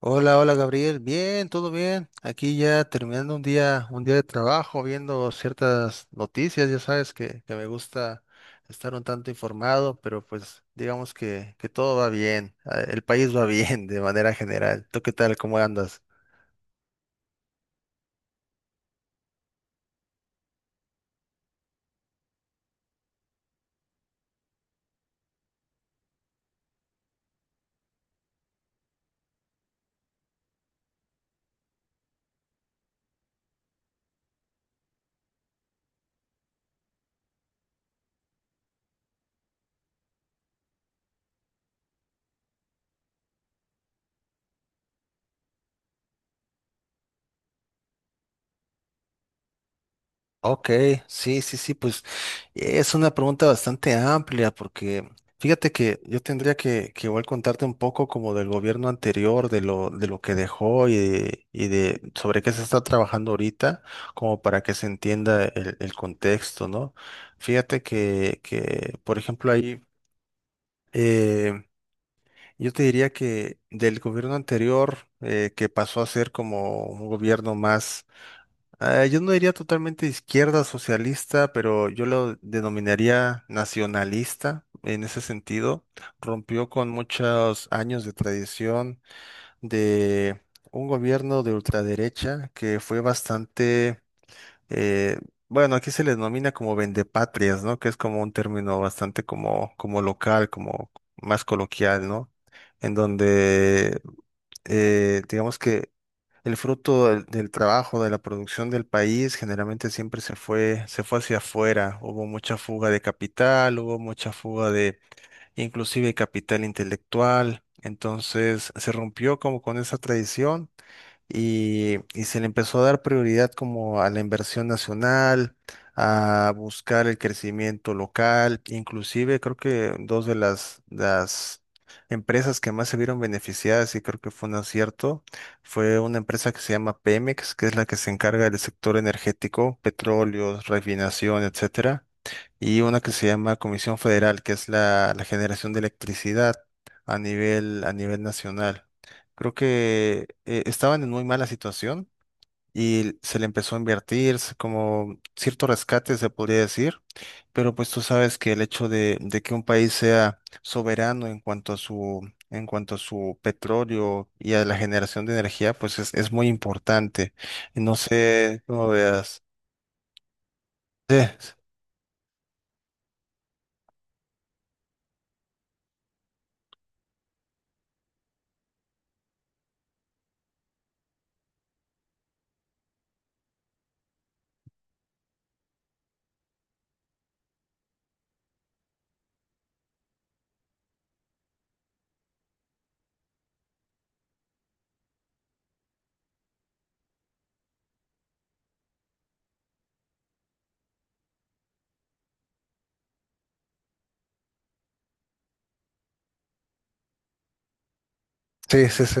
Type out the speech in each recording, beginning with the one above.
Hola, hola Gabriel, bien, todo bien. Aquí ya terminando un día de trabajo, viendo ciertas noticias, ya sabes que me gusta estar un tanto informado, pero pues digamos que todo va bien, el país va bien de manera general. ¿Tú qué tal? ¿Cómo andas? Ok, sí, sí, sí, pues es una pregunta bastante amplia porque fíjate que yo tendría que igual contarte un poco como del gobierno anterior, de lo que dejó y de sobre qué se está trabajando ahorita, como para que se entienda el contexto, ¿no? Fíjate por ejemplo, ahí eh, yo te diría que del gobierno anterior, que pasó a ser como un gobierno más, yo no diría totalmente izquierda socialista, pero yo lo denominaría nacionalista en ese sentido. Rompió con muchos años de tradición de un gobierno de ultraderecha que fue bastante, eh, bueno, aquí se le denomina como vendepatrias, ¿no? Que es como un término bastante como, como local, como más coloquial, ¿no? En donde, digamos que el fruto del trabajo, de la producción del país, generalmente siempre se fue hacia afuera. Hubo mucha fuga de capital, hubo mucha fuga de, inclusive capital intelectual. Entonces se rompió como con esa tradición y se le empezó a dar prioridad como a la inversión nacional, a buscar el crecimiento local. Inclusive creo que dos de las empresas que más se vieron beneficiadas, y creo que fue un acierto, fue una empresa que se llama Pemex, que es la que se encarga del sector energético, petróleo, refinación, etcétera, y una que se llama Comisión Federal, que es la, la generación de electricidad a nivel nacional. Creo que, estaban en muy mala situación y se le empezó a invertir como cierto rescate, se podría decir, pero pues tú sabes que el hecho de que un país sea soberano en cuanto a su, en cuanto a su petróleo y a la generación de energía, pues es muy importante. No sé cómo veas. Sí, sí, sí. Sí.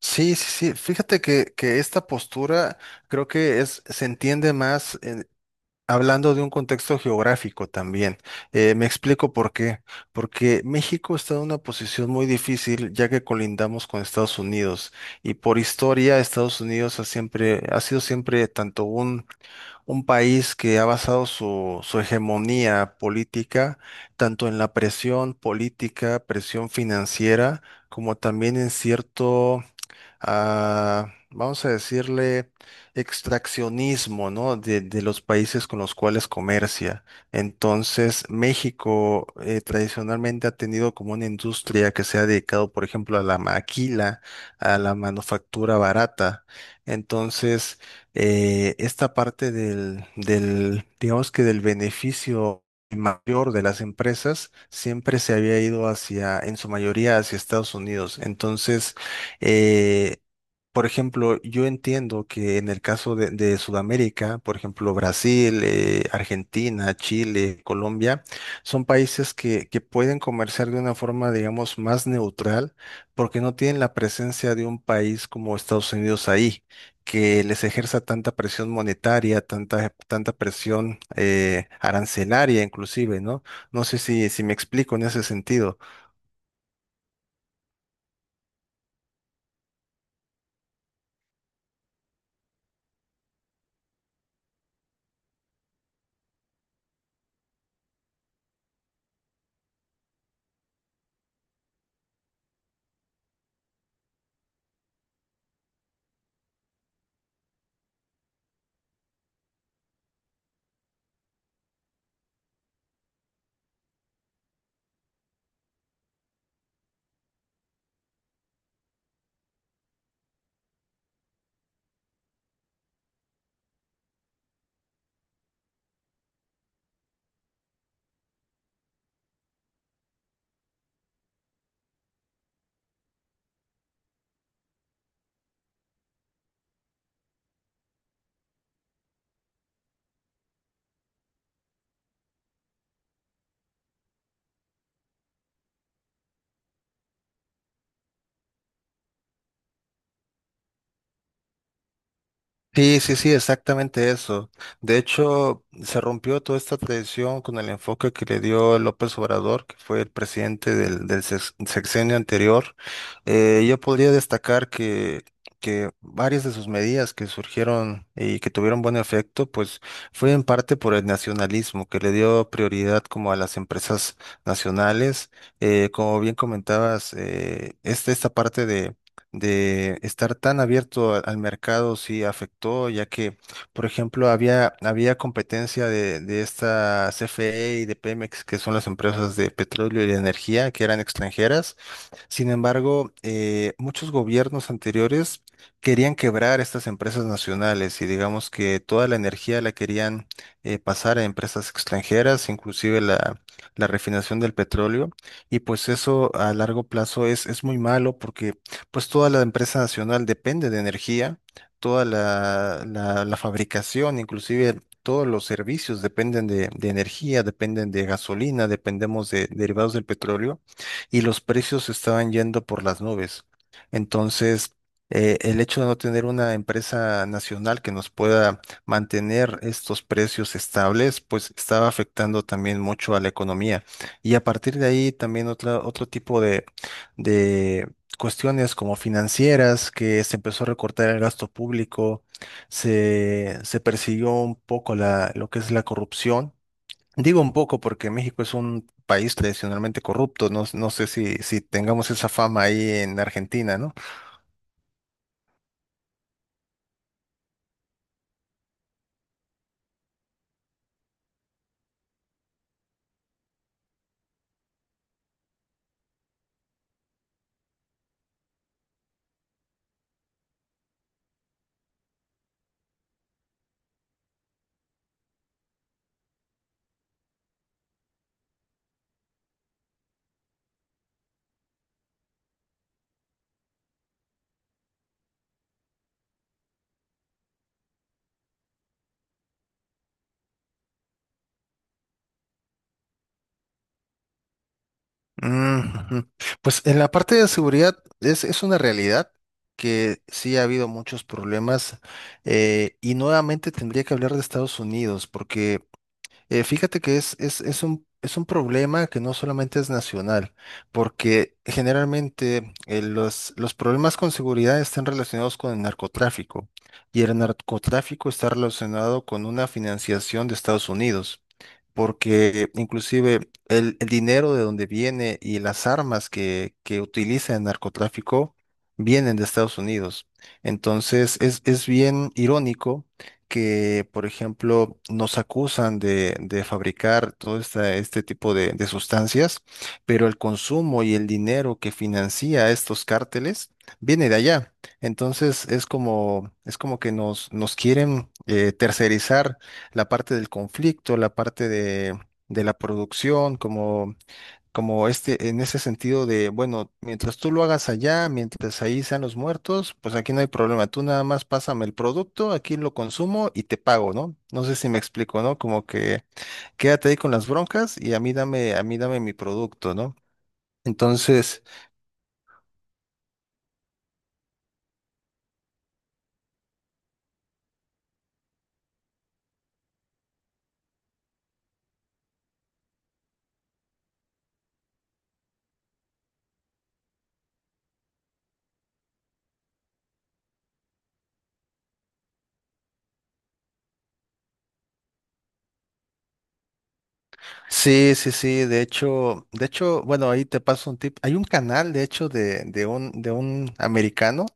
Sí, sí, sí. Fíjate que esta postura creo que es, se entiende más hablando de un contexto geográfico también. Me explico por qué. Porque México está en una posición muy difícil ya que colindamos con Estados Unidos, y por historia Estados Unidos ha siempre, ha sido siempre tanto un país que ha basado su, su hegemonía política tanto en la presión política, presión financiera, como también en cierto, vamos a decirle, extraccionismo, ¿no? De los países con los cuales comercia. Entonces, México, tradicionalmente ha tenido como una industria que se ha dedicado, por ejemplo, a la maquila, a la manufactura barata. Entonces, esta parte del, del, digamos que del beneficio mayor de las empresas siempre se había ido hacia, en su mayoría, hacia Estados Unidos. Entonces, eh, por ejemplo, yo entiendo que en el caso de Sudamérica, por ejemplo, Brasil, Argentina, Chile, Colombia, son países que pueden comerciar de una forma, digamos, más neutral, porque no tienen la presencia de un país como Estados Unidos ahí, que les ejerza tanta presión monetaria, tanta, tanta presión, arancelaria inclusive, ¿no? No sé si, si me explico en ese sentido. Sí, sí, sí, exactamente eso. De hecho, se rompió toda esta tradición con el enfoque que le dio López Obrador, que fue el presidente del, del sexenio anterior. Yo podría destacar que varias de sus medidas que surgieron y que tuvieron buen efecto, pues fue en parte por el nacionalismo, que le dio prioridad como a las empresas nacionales. Como bien comentabas, esta, esta parte de estar tan abierto al mercado sí afectó, ya que, por ejemplo, había, había competencia de esta CFE y de Pemex, que son las empresas de petróleo y de energía, que eran extranjeras. Sin embargo, muchos gobiernos anteriores querían quebrar estas empresas nacionales, y digamos que toda la energía la querían, pasar a empresas extranjeras, inclusive la, la refinación del petróleo. Y pues eso a largo plazo es muy malo porque pues toda la empresa nacional depende de energía, toda la, la fabricación, inclusive. Todos los servicios dependen de energía, dependen de gasolina, dependemos de derivados del petróleo, y los precios estaban yendo por las nubes. Entonces, el hecho de no tener una empresa nacional que nos pueda mantener estos precios estables, pues estaba afectando también mucho a la economía. Y a partir de ahí también otra, otro tipo de cuestiones como financieras, que se empezó a recortar el gasto público, se persiguió un poco la, lo que es la corrupción. Digo un poco porque México es un país tradicionalmente corrupto. No, no sé si, si tengamos esa fama ahí en Argentina, ¿no? Mm, ujú. Pues en la parte de seguridad es una realidad que sí ha habido muchos problemas, y nuevamente tendría que hablar de Estados Unidos porque, fíjate que es un problema que no solamente es nacional, porque generalmente, los problemas con seguridad están relacionados con el narcotráfico, y el narcotráfico está relacionado con una financiación de Estados Unidos, porque inclusive el dinero de donde viene y las armas que utiliza el narcotráfico vienen de Estados Unidos. Entonces es bien irónico que, por ejemplo, nos acusan de fabricar todo este tipo de sustancias, pero el consumo y el dinero que financia estos cárteles viene de allá. Entonces es como que nos, nos quieren, tercerizar la parte del conflicto, la parte de la producción, como, como este, en ese sentido de, bueno, mientras tú lo hagas allá, mientras ahí sean los muertos, pues aquí no hay problema. Tú nada más pásame el producto, aquí lo consumo y te pago, ¿no? No sé si me explico, ¿no? Como que quédate ahí con las broncas, y a mí dame mi producto, ¿no? Entonces, sí, sí, sí, de hecho, bueno, ahí te paso un tip. Hay un canal, de hecho, de, de un americano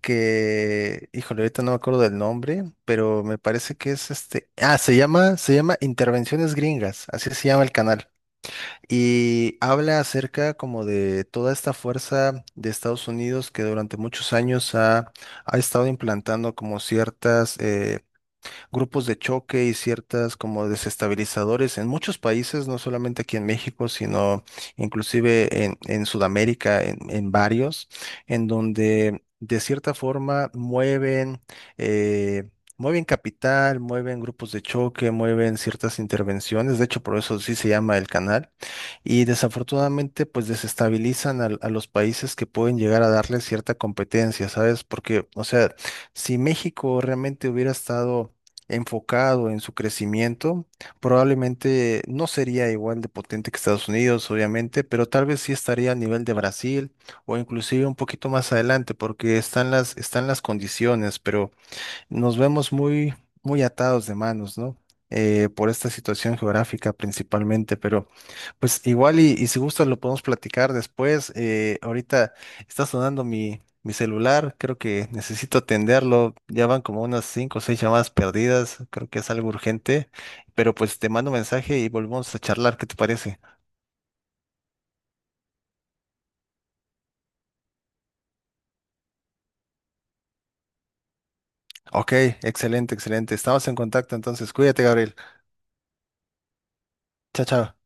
que, híjole, ahorita no me acuerdo del nombre, pero me parece que es este, ah, se llama Intervenciones Gringas, así se llama el canal. Y habla acerca como de toda esta fuerza de Estados Unidos que durante muchos años ha, ha estado implantando como ciertas, grupos de choque y ciertas como desestabilizadores en muchos países, no solamente aquí en México, sino inclusive en Sudamérica, en varios, en donde de cierta forma mueven. eh, Mueven capital, mueven grupos de choque, mueven ciertas intervenciones, de hecho por eso sí se llama el canal, y desafortunadamente pues desestabilizan a los países que pueden llegar a darle cierta competencia, ¿sabes? Porque, o sea, si México realmente hubiera estado enfocado en su crecimiento, probablemente no sería igual de potente que Estados Unidos, obviamente, pero tal vez sí estaría a nivel de Brasil, o inclusive un poquito más adelante, porque están las condiciones, pero nos vemos muy, muy atados de manos, ¿no? Por esta situación geográfica principalmente, pero pues igual, y si gustas lo podemos platicar después. Ahorita está sonando mi, mi celular, creo que necesito atenderlo. Ya van como unas cinco o seis llamadas perdidas, creo que es algo urgente, pero pues te mando mensaje y volvemos a charlar, ¿qué te parece? Ok, excelente, excelente. Estamos en contacto entonces, cuídate, Gabriel. Chao, chao.